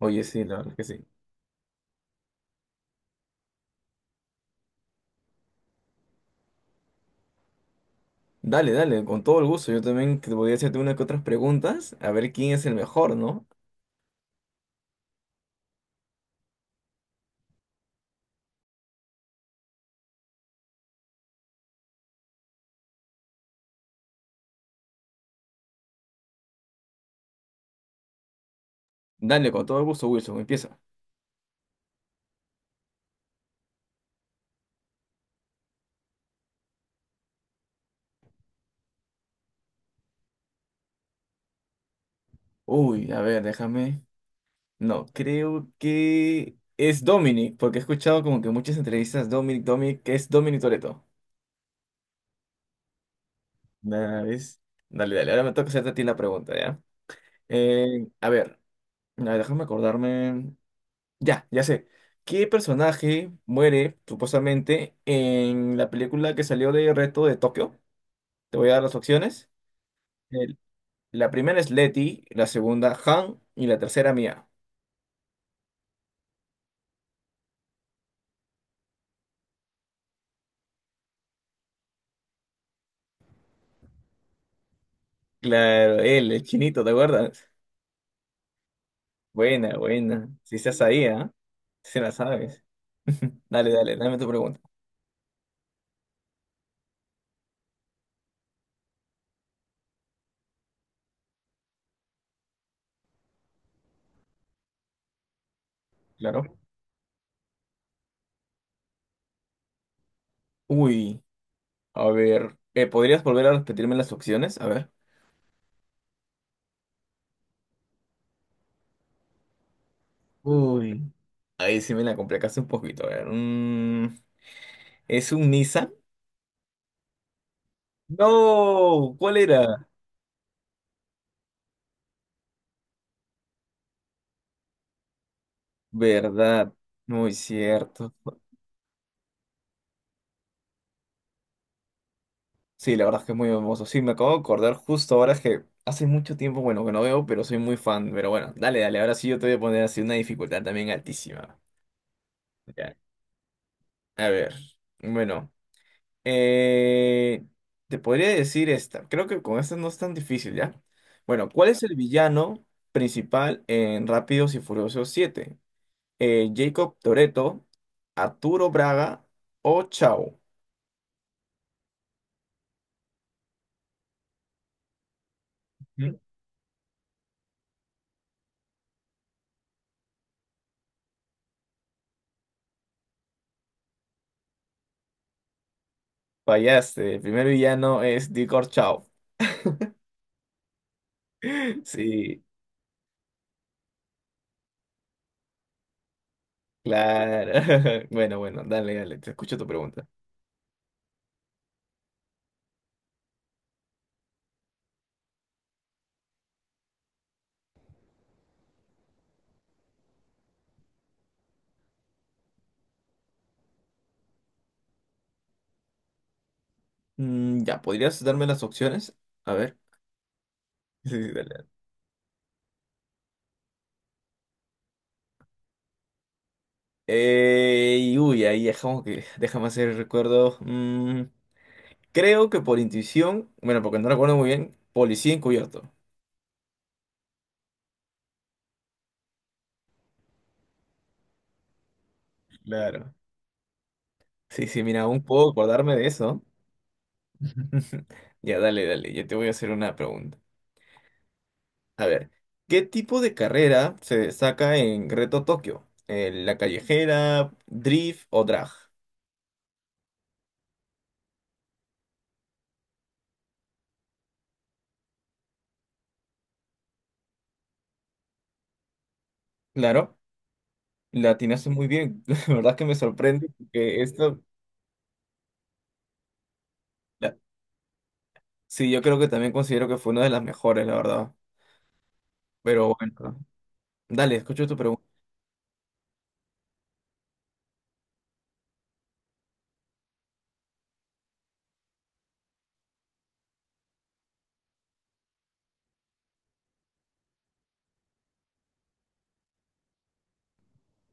Oye, sí, la verdad es que sí. Dale, dale, con todo el gusto. Yo también te voy a hacerte una que otras preguntas, a ver quién es el mejor, ¿no? Dale, con todo el gusto, Wilson, empieza. Uy, a ver, déjame. No, creo que es Dominic, porque he escuchado como que muchas entrevistas, Dominic, Dominic, que es Dominic Toretto. Nada, ¿ves? Dale, dale, ahora me toca hacerte a ti la pregunta, ¿ya? A ver, a ver, déjame acordarme. Ya, ya sé. ¿Qué personaje muere supuestamente en la película que salió de Reto de Tokio? Te voy a dar las opciones. El- la primera es Leti, la segunda Han y la tercera Mia. Claro, él, el chinito, ¿te acuerdas? Buena, buena. Si estás ahí, ¿ah? Si la sabes. Dale, dale, dame tu pregunta. Claro. Uy, a ver. ¿Podrías volver a repetirme las opciones? A ver. Uy. Ahí sí me la complicaste un poquito. A ver. ¿Es un Nissan? No, ¿cuál era? ¿Verdad? Muy cierto. Sí, la verdad es que es muy hermoso. Sí, me acabo de acordar justo ahora es que hace mucho tiempo, bueno, que no veo, pero soy muy fan. Pero bueno, dale, dale, ahora sí yo te voy a poner así una dificultad también altísima. Ya. A ver, bueno, eh, te podría decir esta. Creo que con esta no es tan difícil, ¿ya? Bueno, ¿cuál es el villano principal en Rápidos y Furiosos 7? ¿Jacob Toretto, Arturo Braga o Chao? ¿Mm? Fallaste, el primer villano es Dicor Chao. Sí, claro. Bueno, bueno, dale, dale, te escucho tu pregunta. Ya, ¿podrías darme las opciones? A ver. Sí, sí, dale. Dale. Ahí dejamos que, déjame hacer el recuerdo. Creo que por intuición, bueno, porque no recuerdo muy bien, policía encubierto. Claro. Sí, sí, mira, aún puedo acordarme de eso. Ya, dale, dale, yo te voy a hacer una pregunta. A ver, ¿qué tipo de carrera se destaca en Reto Tokio? ¿La callejera, drift o drag? Claro. La atinaste muy bien. La verdad es que me sorprende porque la- sí, yo creo que también considero que fue una de las mejores, la verdad. Pero bueno, dale, escucho tu pregunta.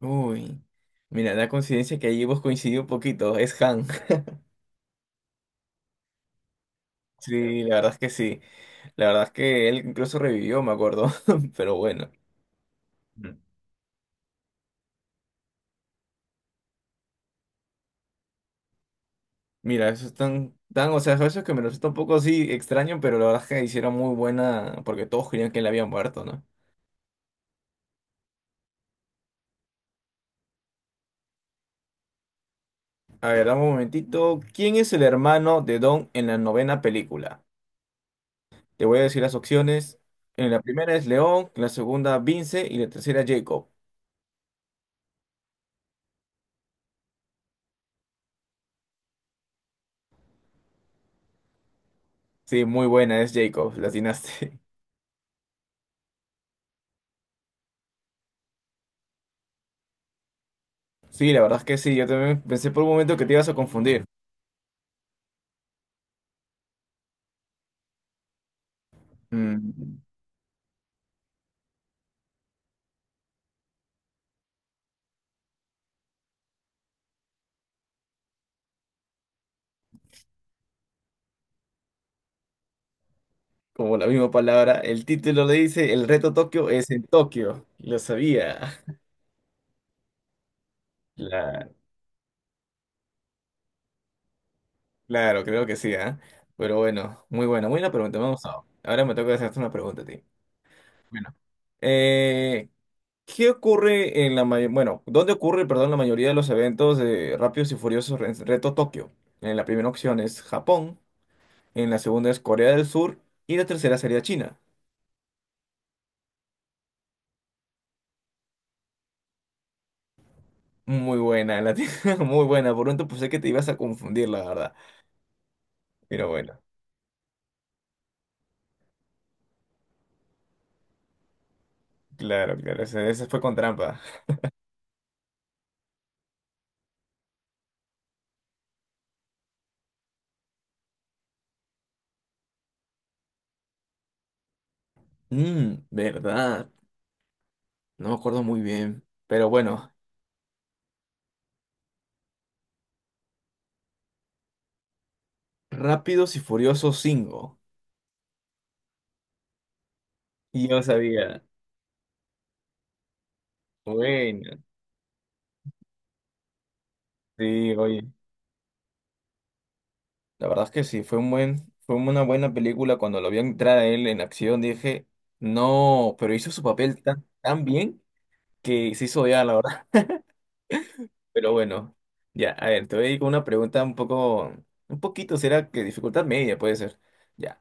Uy, mira, la coincidencia que allí hemos coincidido un poquito, es Han. Sí, la verdad es que sí. La verdad es que él incluso revivió, me acuerdo. Pero bueno, Mm. mira, eso es tan, tan, o sea, eso es que me resulta un poco así extraño, pero la verdad es que hicieron muy buena, porque todos creían que él había muerto, ¿no? A ver, dame un momentito. ¿Quién es el hermano de Don en la 9.ª película? Te voy a decir las opciones. En la primera es León, en la segunda Vince y la tercera Jacob. Sí, muy buena, es Jacob, la atinaste. Sí, la verdad es que sí, yo también pensé por un momento que te ibas a confundir. Mm, como la misma palabra, el título le dice, el reto Tokio es en Tokio. Lo sabía. La- Claro, creo que sí, ¿ah? Pero bueno, muy buena pregunta, me ha gustado. Ahora me toca hacerte una pregunta a ti. Bueno. Eh, ¿Qué ocurre en la mayor... Bueno, ¿dónde ocurre, perdón, la mayoría de los eventos de Rápidos y Furiosos Reto Tokio? En la primera opción es Japón, en la segunda es Corea del Sur y la tercera sería China. Muy buena, muy buena. Por un pensé que te ibas a confundir, la verdad. Pero bueno, claro, claro, ese fue con trampa. Mmm, verdad. No me acuerdo muy bien. Pero bueno, Rápidos y Furiosos 5. Y yo sabía. Bueno, sí, oye. La verdad es que sí, fue un buen, fue una buena película. Cuando lo vi entrar a él en acción dije, no, pero hizo su papel tan, tan bien que se hizo odiar, la verdad. Pero bueno, ya, a ver, te voy a ir con una pregunta un poco, un poquito, será que dificultad media puede ser. Ya,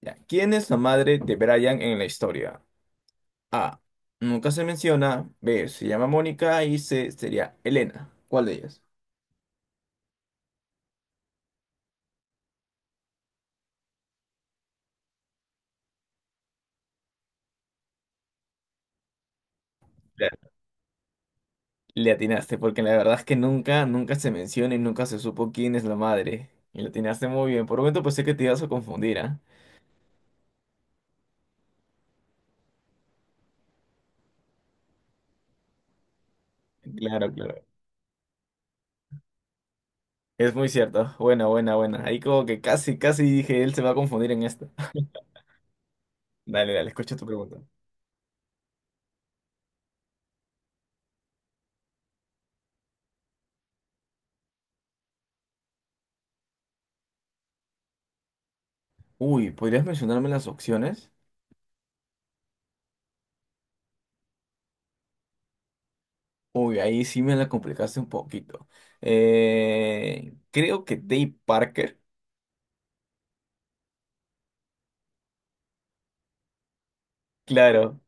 ya. ¿Quién es la madre de Brian en la historia? A, nunca se menciona. B, se llama Mónica y C, sería Elena. ¿Cuál de ellas? Le atinaste, porque la verdad es que nunca, nunca se menciona y nunca se supo quién es la madre. Y le atinaste muy bien. Por un momento pensé que te ibas a confundir, ¿ah? Claro, claro. Es muy cierto. Buena, buena, buena. Ahí como que casi, casi dije, él se va a confundir en esta. Dale, dale, escucha tu pregunta. Uy, ¿podrías mencionarme las opciones? Uy, ahí sí me la complicaste un poquito. Creo que Dave Parker. Claro.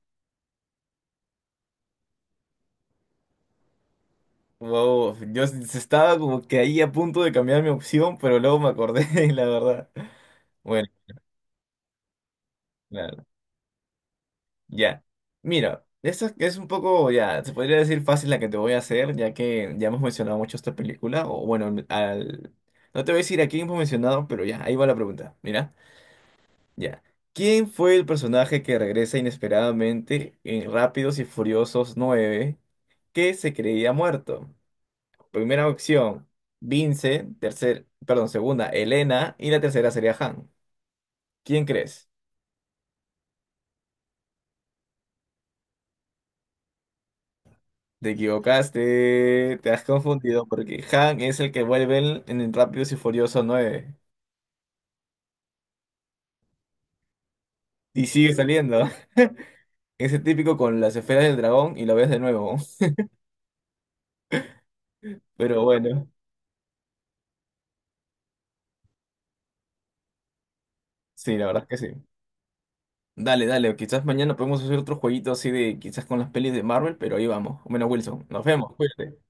Wow, estaba como que ahí a punto de cambiar mi opción, pero luego me acordé, la verdad. Bueno. Claro. Ya. Mira, esta es un poco, ya, se podría decir fácil la que te voy a hacer, ya que ya hemos mencionado mucho esta película, o bueno, al... no te voy a decir a quién hemos mencionado, pero ya, ahí va la pregunta. Mira, ya. ¿Quién fue el personaje que regresa inesperadamente en Rápidos y Furiosos 9 que se creía muerto? Primera opción, Vince, tercer, perdón, segunda, Elena, y la tercera sería Han. ¿Quién crees? Te equivocaste, te has confundido porque Han es el que vuelve en el Rápidos y Furioso 9 y sigue saliendo. Ese típico con las esferas del dragón y lo ves de nuevo. Pero bueno, sí, la verdad es que sí. Dale, dale, o quizás mañana podemos hacer otro jueguito así de quizás con las pelis de Marvel, pero ahí vamos. Bueno, Wilson, nos vemos. Cuídate.